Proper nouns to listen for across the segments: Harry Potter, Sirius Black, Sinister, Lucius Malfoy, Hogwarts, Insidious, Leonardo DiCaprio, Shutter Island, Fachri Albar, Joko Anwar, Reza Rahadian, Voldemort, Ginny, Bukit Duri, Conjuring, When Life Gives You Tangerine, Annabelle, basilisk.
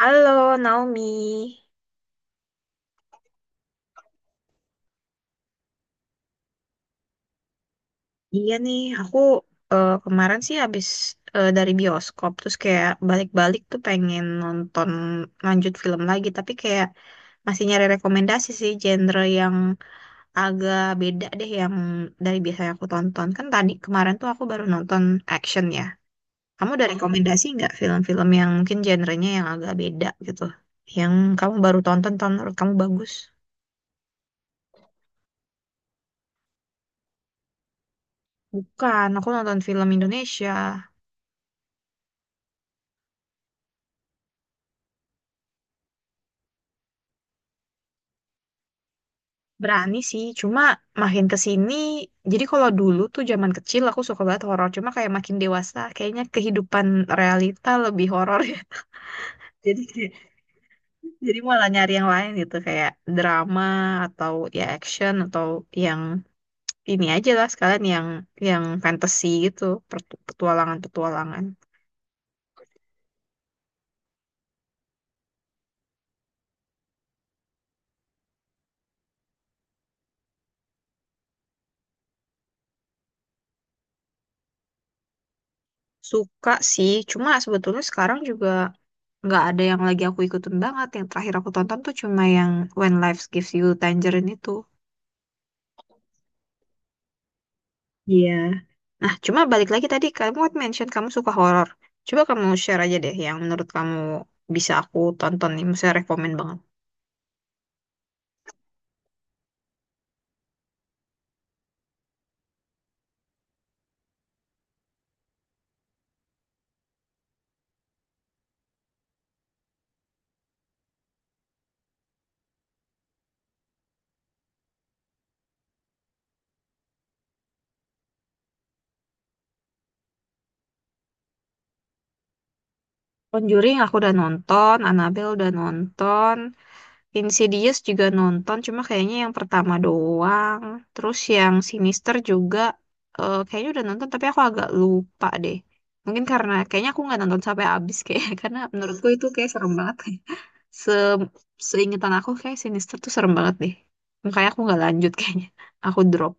Halo Naomi, iya nih aku kemarin sih habis dari bioskop terus kayak balik-balik tuh pengen nonton lanjut film lagi tapi kayak masih nyari rekomendasi sih genre yang agak beda deh yang dari biasanya aku tonton kan tadi kemarin tuh aku baru nonton action ya. Kamu ada rekomendasi nggak film-film yang mungkin genrenya yang agak beda gitu yang kamu baru tonton tonton menurut kamu bagus? Bukan, aku nonton film Indonesia. Berani sih, cuma makin ke sini, jadi kalau dulu tuh zaman kecil aku suka banget horor, cuma kayak makin dewasa kayaknya kehidupan realita lebih horor ya. Jadi kayak, jadi malah nyari yang lain gitu kayak drama atau ya action atau yang ini aja lah sekalian yang fantasy gitu, petualangan-petualangan. Suka sih, cuma sebetulnya sekarang juga nggak ada yang lagi aku ikutin banget. Yang terakhir aku tonton tuh cuma yang When Life Gives You Tangerine itu. Iya. Nah, cuma balik lagi tadi kamu kan mention kamu suka horor. Coba kamu share aja deh yang menurut kamu bisa aku tonton nih, misalnya rekomen banget. Conjuring aku udah nonton, Annabelle udah nonton, Insidious juga nonton, cuma kayaknya yang pertama doang. Terus yang Sinister juga kayaknya udah nonton tapi aku agak lupa deh. Mungkin karena kayaknya aku nggak nonton sampai habis kayak karena menurutku itu kayak serem banget. Se Seingetan aku kayak Sinister tuh serem banget deh. Makanya aku nggak lanjut kayaknya. Aku drop.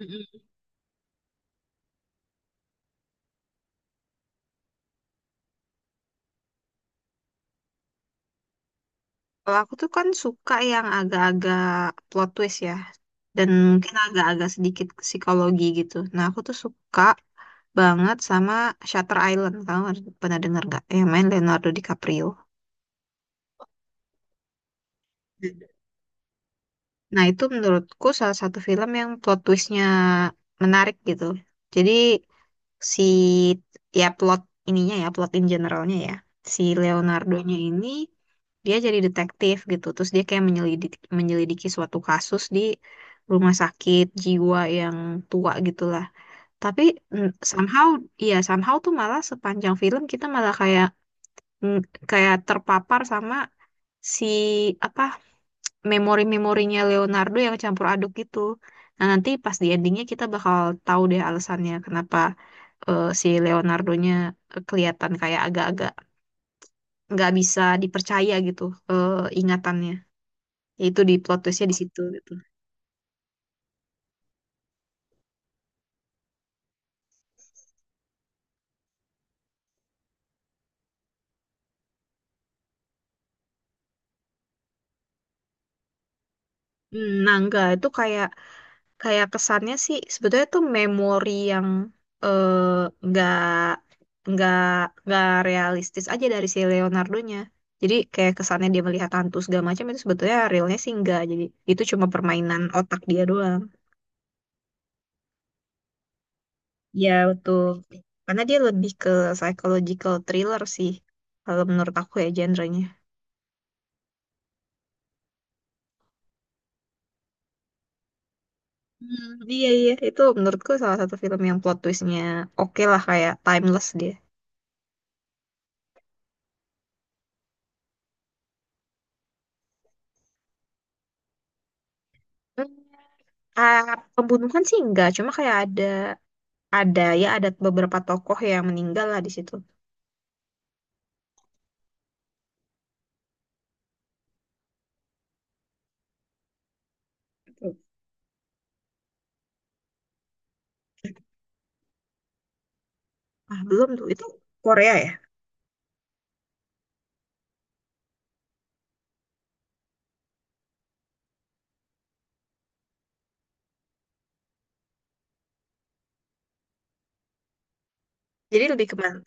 Mm-mm. Kalau aku tuh kan suka yang agak-agak plot twist ya. Dan mungkin agak-agak sedikit psikologi gitu. Nah aku tuh suka banget sama Shutter Island. Kamu pernah denger nggak? Yang main Leonardo DiCaprio. Nah, itu menurutku salah satu film yang plot twistnya menarik gitu. Jadi si ya plot ininya ya plot in generalnya ya si Leonardo-nya ini dia jadi detektif gitu terus dia kayak menyelidiki menyelidiki suatu kasus di rumah sakit jiwa yang tua gitulah tapi somehow ya somehow tuh malah sepanjang film kita malah kayak mm, kayak terpapar sama si apa memori-memorinya Leonardo yang campur aduk gitu. Nah, nanti pas di endingnya kita bakal tahu deh alasannya kenapa si Leonardonya kelihatan kayak agak-agak nggak bisa dipercaya gitu eh, ingatannya. Ya itu di plot twistnya di situ gitu. Hmm, nah, enggak, itu kayak kayak kesannya sih sebetulnya tuh memori yang eh, nggak nggak nggak realistis aja dari si Leonardo-nya. Jadi kayak kesannya dia melihat hantu segala macam itu sebetulnya realnya sih enggak. Jadi itu cuma permainan otak dia doang. Ya betul. Karena dia lebih ke psychological thriller sih kalau menurut aku ya genre-nya. Hmm, iya iya itu menurutku salah satu film yang plot twist-nya oke lah kayak timeless dia. Hmm, ah, pembunuhan sih enggak, cuma kayak ada ya, ada beberapa tokoh yang meninggal lah di situ. Ah, belum tuh. Itu Korea ya. Jadi lebih ke mana?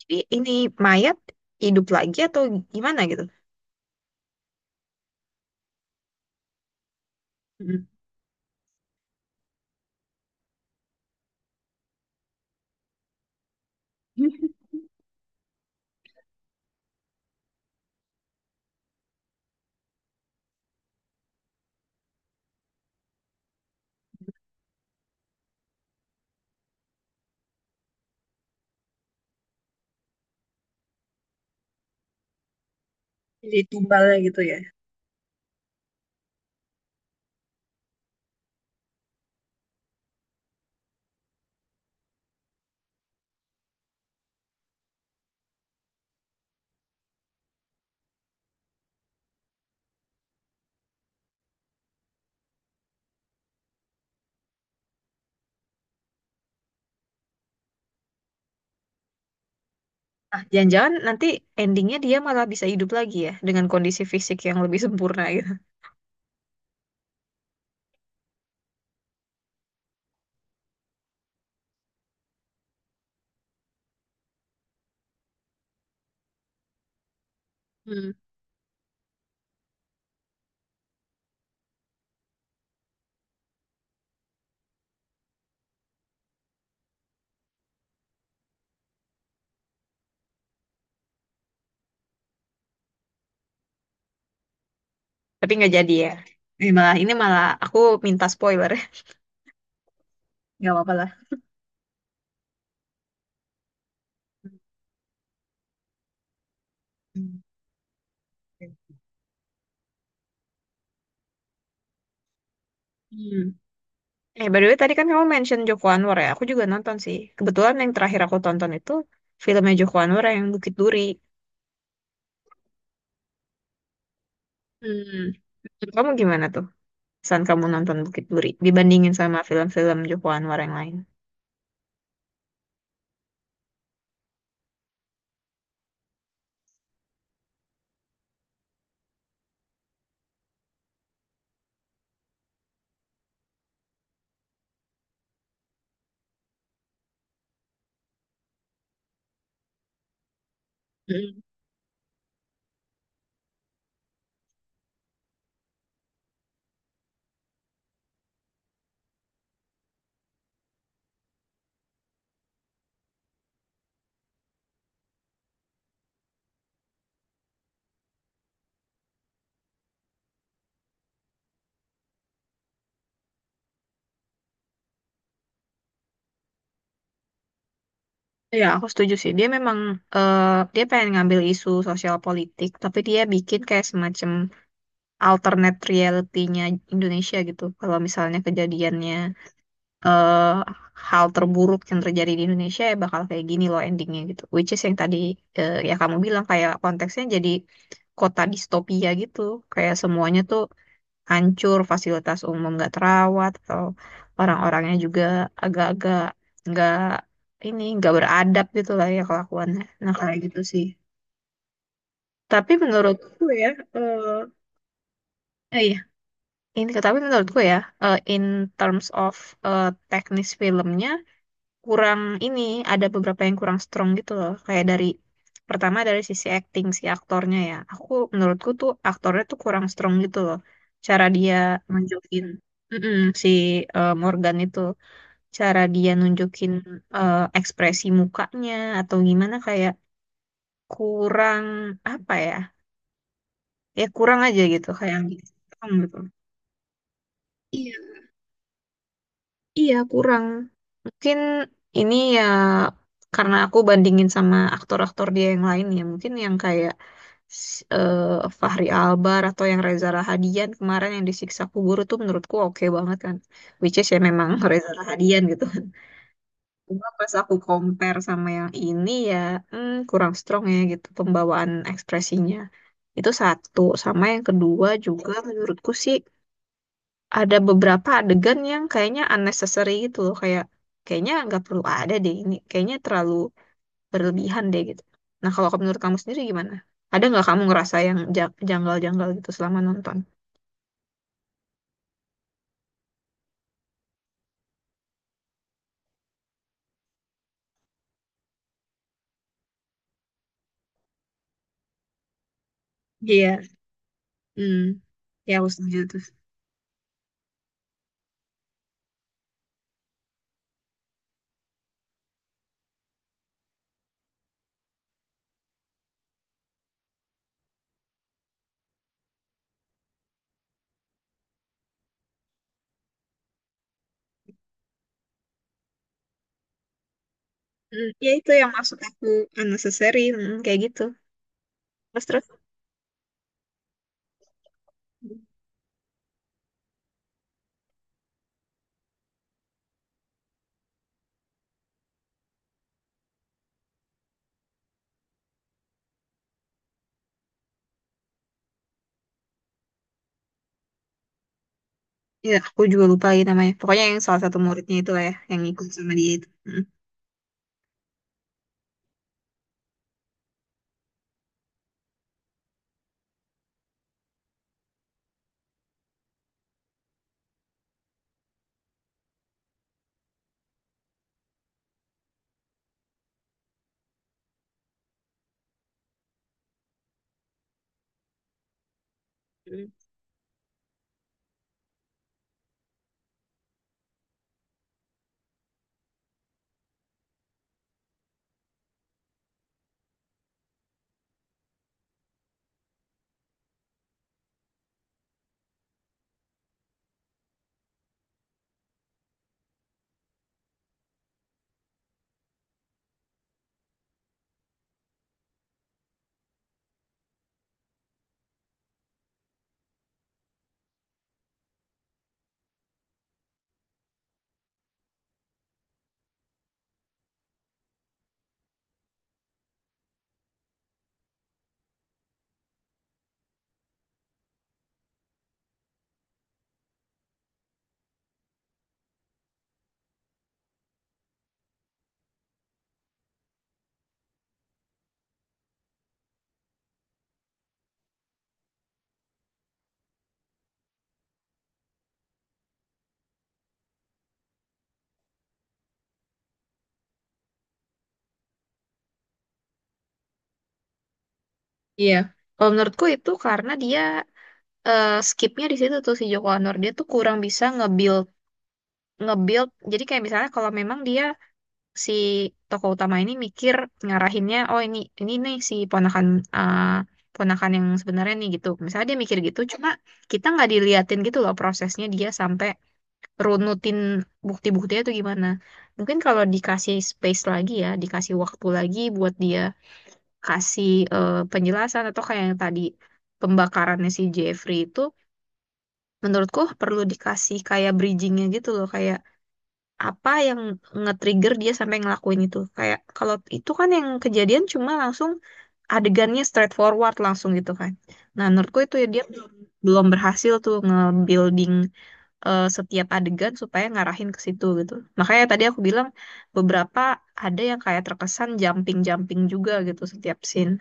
Jadi ini mayat hidup lagi atau gimana gitu? Mm. Jadi tumbalnya gitu ya. Nah, jangan-jangan nanti endingnya dia malah bisa hidup lagi ya dengan kondisi fisik yang lebih sempurna gitu. Hmm. Tapi nggak jadi ya. Ini malah aku minta spoiler ya. Nggak apa-apa lah. Hmm. Hmm. Eh, by the way, tadi kan kamu mention Joko Anwar ya. Aku juga nonton sih. Kebetulan yang terakhir aku tonton itu filmnya Joko Anwar yang Bukit Duri. Hmm. Menurut kamu gimana tuh? Saat kamu nonton Bukit Duri dibandingin sama film-film Joko Anwar yang lain. Hmm. Ya, aku setuju sih. Dia memang eh, dia pengen ngambil isu sosial politik, tapi dia bikin kayak semacam alternate reality-nya Indonesia gitu. Kalau misalnya kejadiannya eh, hal terburuk yang terjadi di Indonesia ya bakal kayak gini loh endingnya gitu. Which is yang tadi ya kamu bilang kayak konteksnya jadi kota distopia gitu. Kayak semuanya tuh hancur, fasilitas umum gak terawat, atau orang-orangnya juga agak-agak nggak ini nggak beradab gitu lah ya kelakuannya. Nah kayak gitu sih. Tapi menurutku ya, eh eh, iya. Ini, tapi menurutku ya, in terms of eh, teknis filmnya, kurang ini ada beberapa yang kurang strong gitu loh kayak dari pertama dari sisi acting si aktornya ya aku menurutku tuh aktornya tuh kurang strong gitu loh cara dia nunjukin, mm-mm, si Morgan itu cara dia nunjukin ekspresi mukanya atau gimana kayak kurang apa ya ya kurang aja gitu kayak gitu gitu. Iya, iya, kurang. Mungkin ini ya karena aku bandingin sama aktor-aktor dia yang lain ya. Mungkin yang kayak s- eh, Fachri Albar atau yang Reza Rahadian kemarin yang disiksa kubur itu menurutku oke banget kan. Which is ya memang Reza Rahadian gitu. Cuma pas aku compare sama yang ini ya hmm, kurang strong ya gitu pembawaan ekspresinya. Itu satu. Sama yang kedua juga menurutku sih ada beberapa adegan yang kayaknya unnecessary gitu loh kayak kayaknya nggak perlu ada deh ini kayaknya terlalu berlebihan deh gitu nah kalau menurut kamu sendiri gimana ada nggak kamu ngerasa yang janggal-janggal gitu selama nonton. Iya, hmm ya aku setuju tuh. Hmm, ya itu yang maksud aku unnecessary hmm, kayak gitu terus terus ya aku juga lupa lagi namanya pokoknya yang salah satu muridnya itu lah ya yang ikut sama dia itu. Hmm. Mm. Iya, kalau menurutku itu karena dia skipnya di situ tuh si Joko Anwar dia tuh kurang bisa nge-build nge-build jadi kayak misalnya kalau memang dia si tokoh utama ini mikir ngarahinnya oh ini nih si ponakan eh, ponakan yang sebenarnya nih gitu misalnya dia mikir gitu cuma kita nggak diliatin gitu loh prosesnya dia sampai runutin bukti-buktinya tuh gimana mungkin kalau dikasih space lagi ya dikasih waktu lagi buat dia kasih penjelasan atau kayak yang tadi pembakarannya si Jeffrey itu menurutku perlu dikasih kayak bridgingnya gitu loh kayak apa yang nge-trigger dia sampai ngelakuin itu kayak kalau itu kan yang kejadian cuma langsung adegannya straightforward langsung gitu kan nah menurutku itu ya dia belum belum berhasil tuh nge-building setiap adegan supaya ngarahin ke situ gitu makanya tadi aku bilang beberapa ada yang kayak terkesan jumping-jumping juga gitu setiap scene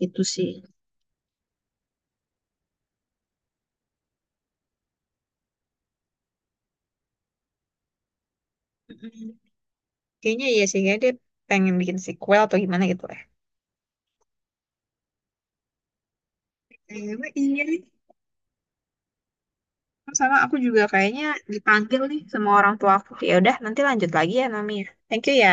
gitu sih. Mm-mm. Kayaknya iya sih, kayaknya dia pengen bikin sequel atau gimana gitu ya. Kayaknya iya. Sama aku juga kayaknya dipanggil nih sama orang tua aku. Ya udah, nanti lanjut lagi ya Nami. Thank you ya.